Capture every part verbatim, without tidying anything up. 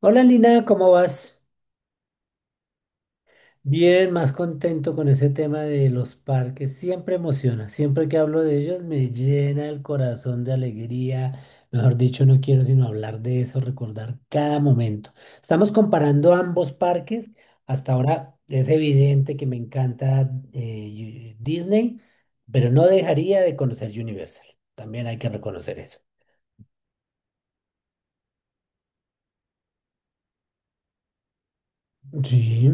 Hola Lina, ¿cómo vas? Bien, más contento con ese tema de los parques. Siempre emociona, siempre que hablo de ellos me llena el corazón de alegría. Mejor dicho, no quiero sino hablar de eso, recordar cada momento. Estamos comparando ambos parques. Hasta ahora es evidente que me encanta eh, Yu- Disney, pero no dejaría de conocer Universal. También hay que reconocer eso. Sí,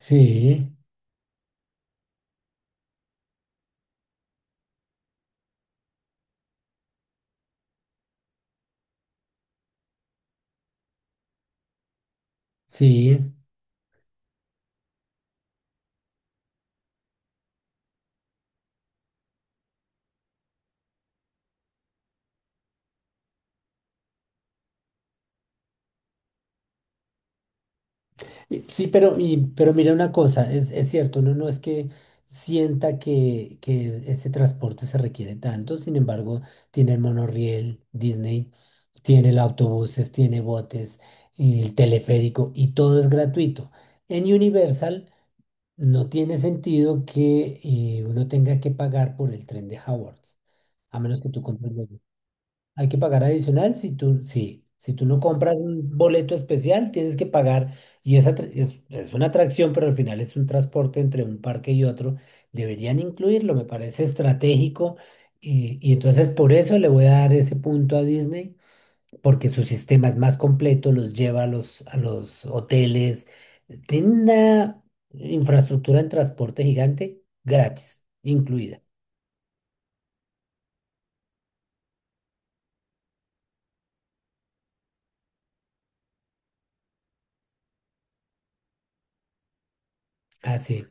sí, sí. Y- Sí, pero, y- pero mira una cosa, es, es cierto, uno no es que sienta que, que ese transporte se requiere tanto, sin embargo, tiene el monorriel Disney, tiene el autobuses, tiene botes, y el teleférico y todo es gratuito. En Universal no tiene sentido que eh, uno tenga que pagar por el tren de Hogwarts, a menos que tú compres. Hay que pagar adicional si tú, sí, si tú no compras un boleto especial, tienes que pagar. Y esa tra- es, es una atracción, pero al final es un transporte entre un parque y otro. Deberían incluirlo, me parece estratégico. Y, y entonces por eso le voy a dar ese punto a Disney, porque su sistema es más completo, los lleva a los, a los hoteles. Tiene una infraestructura en transporte gigante gratis, incluida. Ah, sí,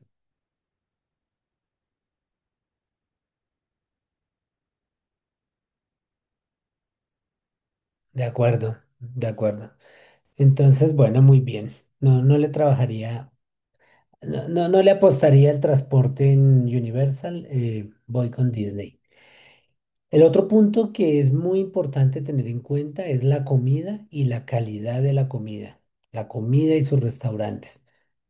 de acuerdo, de acuerdo. Entonces, bueno, muy bien. No, no le trabajaría, no, no, no le apostaría el transporte en Universal. Eh, voy con Disney. El otro punto que es muy importante tener en cuenta es la comida y la calidad de la comida, la comida y sus restaurantes.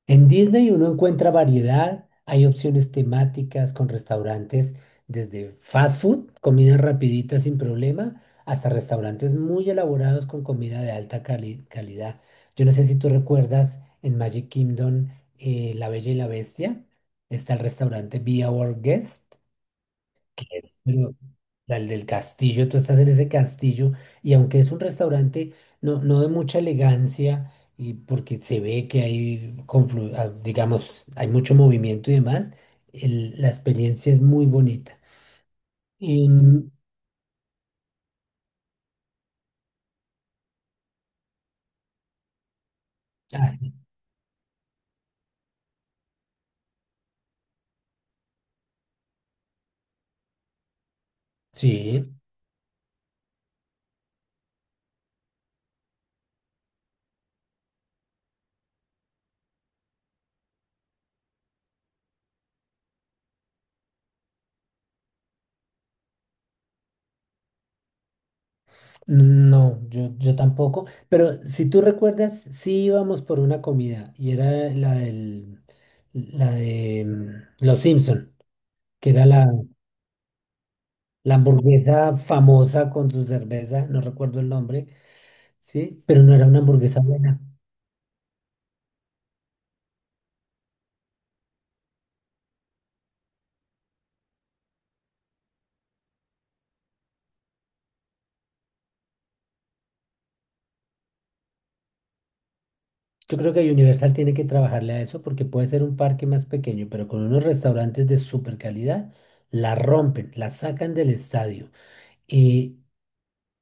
En Disney uno encuentra variedad, hay opciones temáticas con restaurantes desde fast food, comida rapidita sin problema, hasta restaurantes muy elaborados con comida de alta cali- calidad. Yo no sé si tú recuerdas en Magic Kingdom eh, La Bella y la Bestia, está el restaurante Be Our Guest, que es al del castillo, tú estás en ese castillo y aunque es un restaurante no, no de mucha elegancia y porque se ve que hay, conflu- ah, digamos, hay mucho movimiento y demás, el- la experiencia es muy bonita. Y, mm, ah, sí, sí, no, yo, yo tampoco, pero si tú recuerdas, sí íbamos por una comida y era la del, la de mm, Los Simpson, que era la... La hamburguesa famosa con su cerveza, no recuerdo el nombre, ¿sí? Pero no era una hamburguesa buena. Yo creo que Universal tiene que trabajarle a eso porque puede ser un parque más pequeño, pero con unos restaurantes de super calidad, la rompen, la sacan del estadio. Y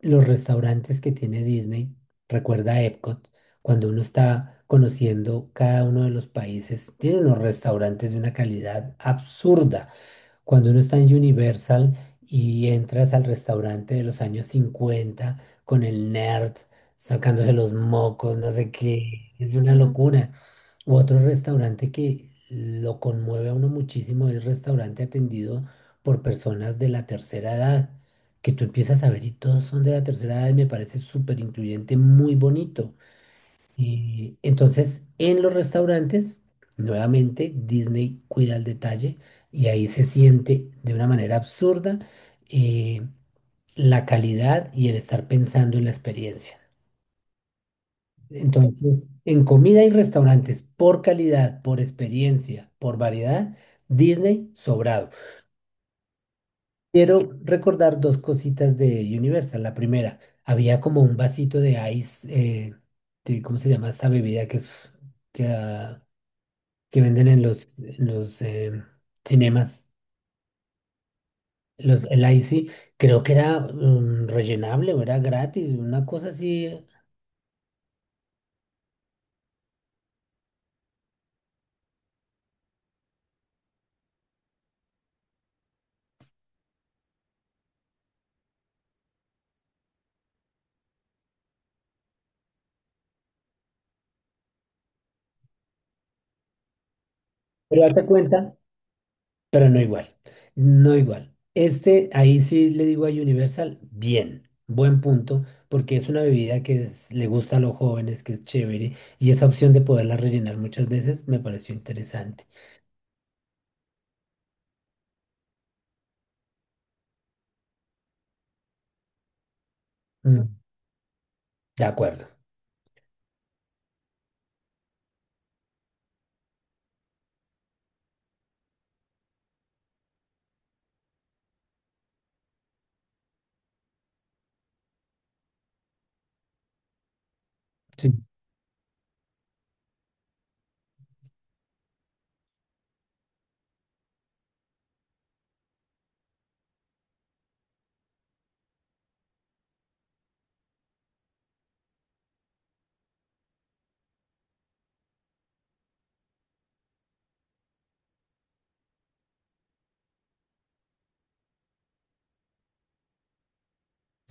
los restaurantes que tiene Disney, recuerda Epcot, cuando uno está conociendo cada uno de los países, tiene unos restaurantes de una calidad absurda. Cuando uno está en Universal y entras al restaurante de los años cincuenta con el nerd sacándose los mocos, no sé qué, es una locura. U otro restaurante que lo conmueve a uno muchísimo es restaurante atendido por personas de la tercera edad, que tú empiezas a ver y todos son de la tercera edad y me parece súper incluyente, muy bonito. Y entonces, en los restaurantes, nuevamente Disney cuida el detalle y ahí se siente de una manera absurda eh, la calidad y el estar pensando en la experiencia. Entonces, en comida y restaurantes, por calidad, por experiencia, por variedad, Disney sobrado. Quiero recordar dos cositas de Universal. La primera, había como un vasito de ice, eh, de- ¿cómo se llama esta bebida que es... que, ah, que venden en los, en los em, cinemas, los, el I C, creo que era mm, rellenable o era gratis, una cosa así, pero date cuenta, pero no igual, no igual. Este, ahí sí le digo a Universal, bien, buen punto, porque es una bebida que es- le gusta a los jóvenes, que es chévere, y esa opción de poderla rellenar muchas veces me pareció interesante. Mm, de acuerdo.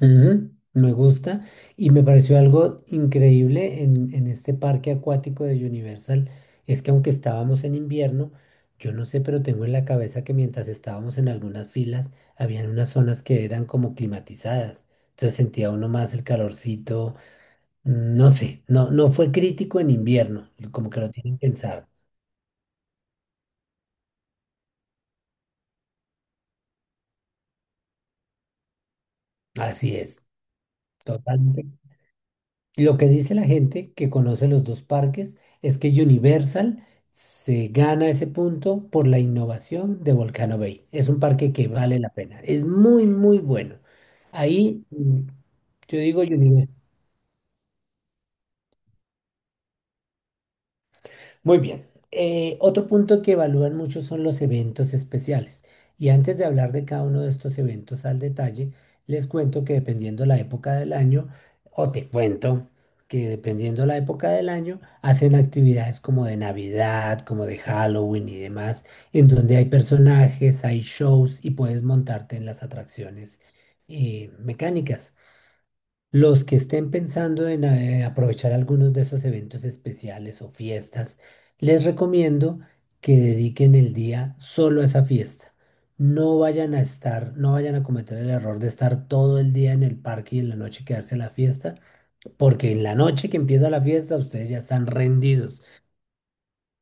Ujú, me gusta y me pareció algo increíble en, en este parque acuático de Universal, es que aunque estábamos en invierno, yo no sé, pero tengo en la cabeza que mientras estábamos en algunas filas, habían unas zonas que eran como climatizadas, entonces sentía uno más el calorcito, no sé, no, no fue crítico en invierno, como que lo tienen pensado. Así es, totalmente. Lo que dice la gente que conoce los dos parques es que Universal se gana ese punto por la innovación de Volcano Bay. Es un parque que vale la pena. Es muy, muy bueno. Ahí mm, yo digo Universal. Muy bien. Eh, otro punto que evalúan mucho son los eventos especiales. Y antes de hablar de cada uno de estos eventos al detalle, les cuento que dependiendo la época del año, o te cuento que dependiendo la época del año, hacen actividades como de Navidad, como de Halloween y demás, en donde hay personajes, hay shows y puedes montarte en las atracciones eh, mecánicas. Los que estén pensando en eh, aprovechar algunos de esos eventos especiales o fiestas, les recomiendo que dediquen el día solo a esa fiesta. No vayan a estar, no vayan a cometer el error de estar todo el día en el parque y en la noche quedarse en la fiesta, porque en la noche que empieza la fiesta ustedes ya están rendidos.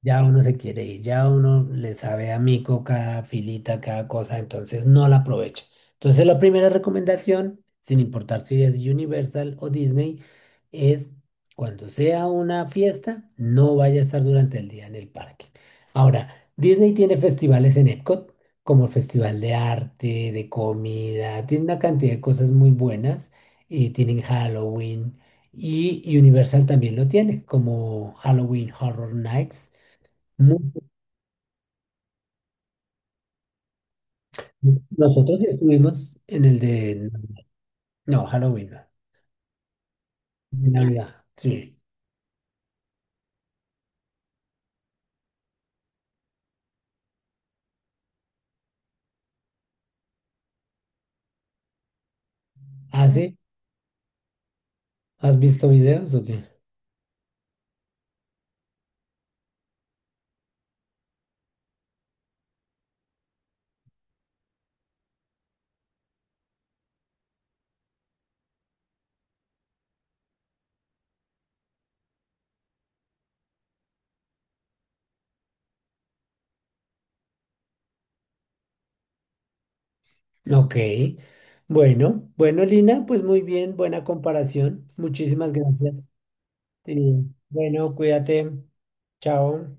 Ya uno se quiere ir, ya uno le sabe a mico cada filita, cada cosa, entonces no la aprovecha. Entonces la primera recomendación, sin importar si es Universal o Disney, es cuando sea una fiesta, no vaya a estar durante el día en el parque. Ahora, Disney tiene festivales en Epcot, como el Festival de Arte, de Comida, tiene una cantidad de cosas muy buenas, y tienen Halloween, y Universal también lo tiene, como Halloween Horror Nights. Muy- Nosotros sí estuvimos en el de... No, Halloween, no. De Navidad, sí. ¿Hace? ¿Has visto videos o qué? Ok. Bueno, bueno, Lina, pues muy bien, buena comparación. Muchísimas gracias. Sí. Bueno, cuídate. Chao.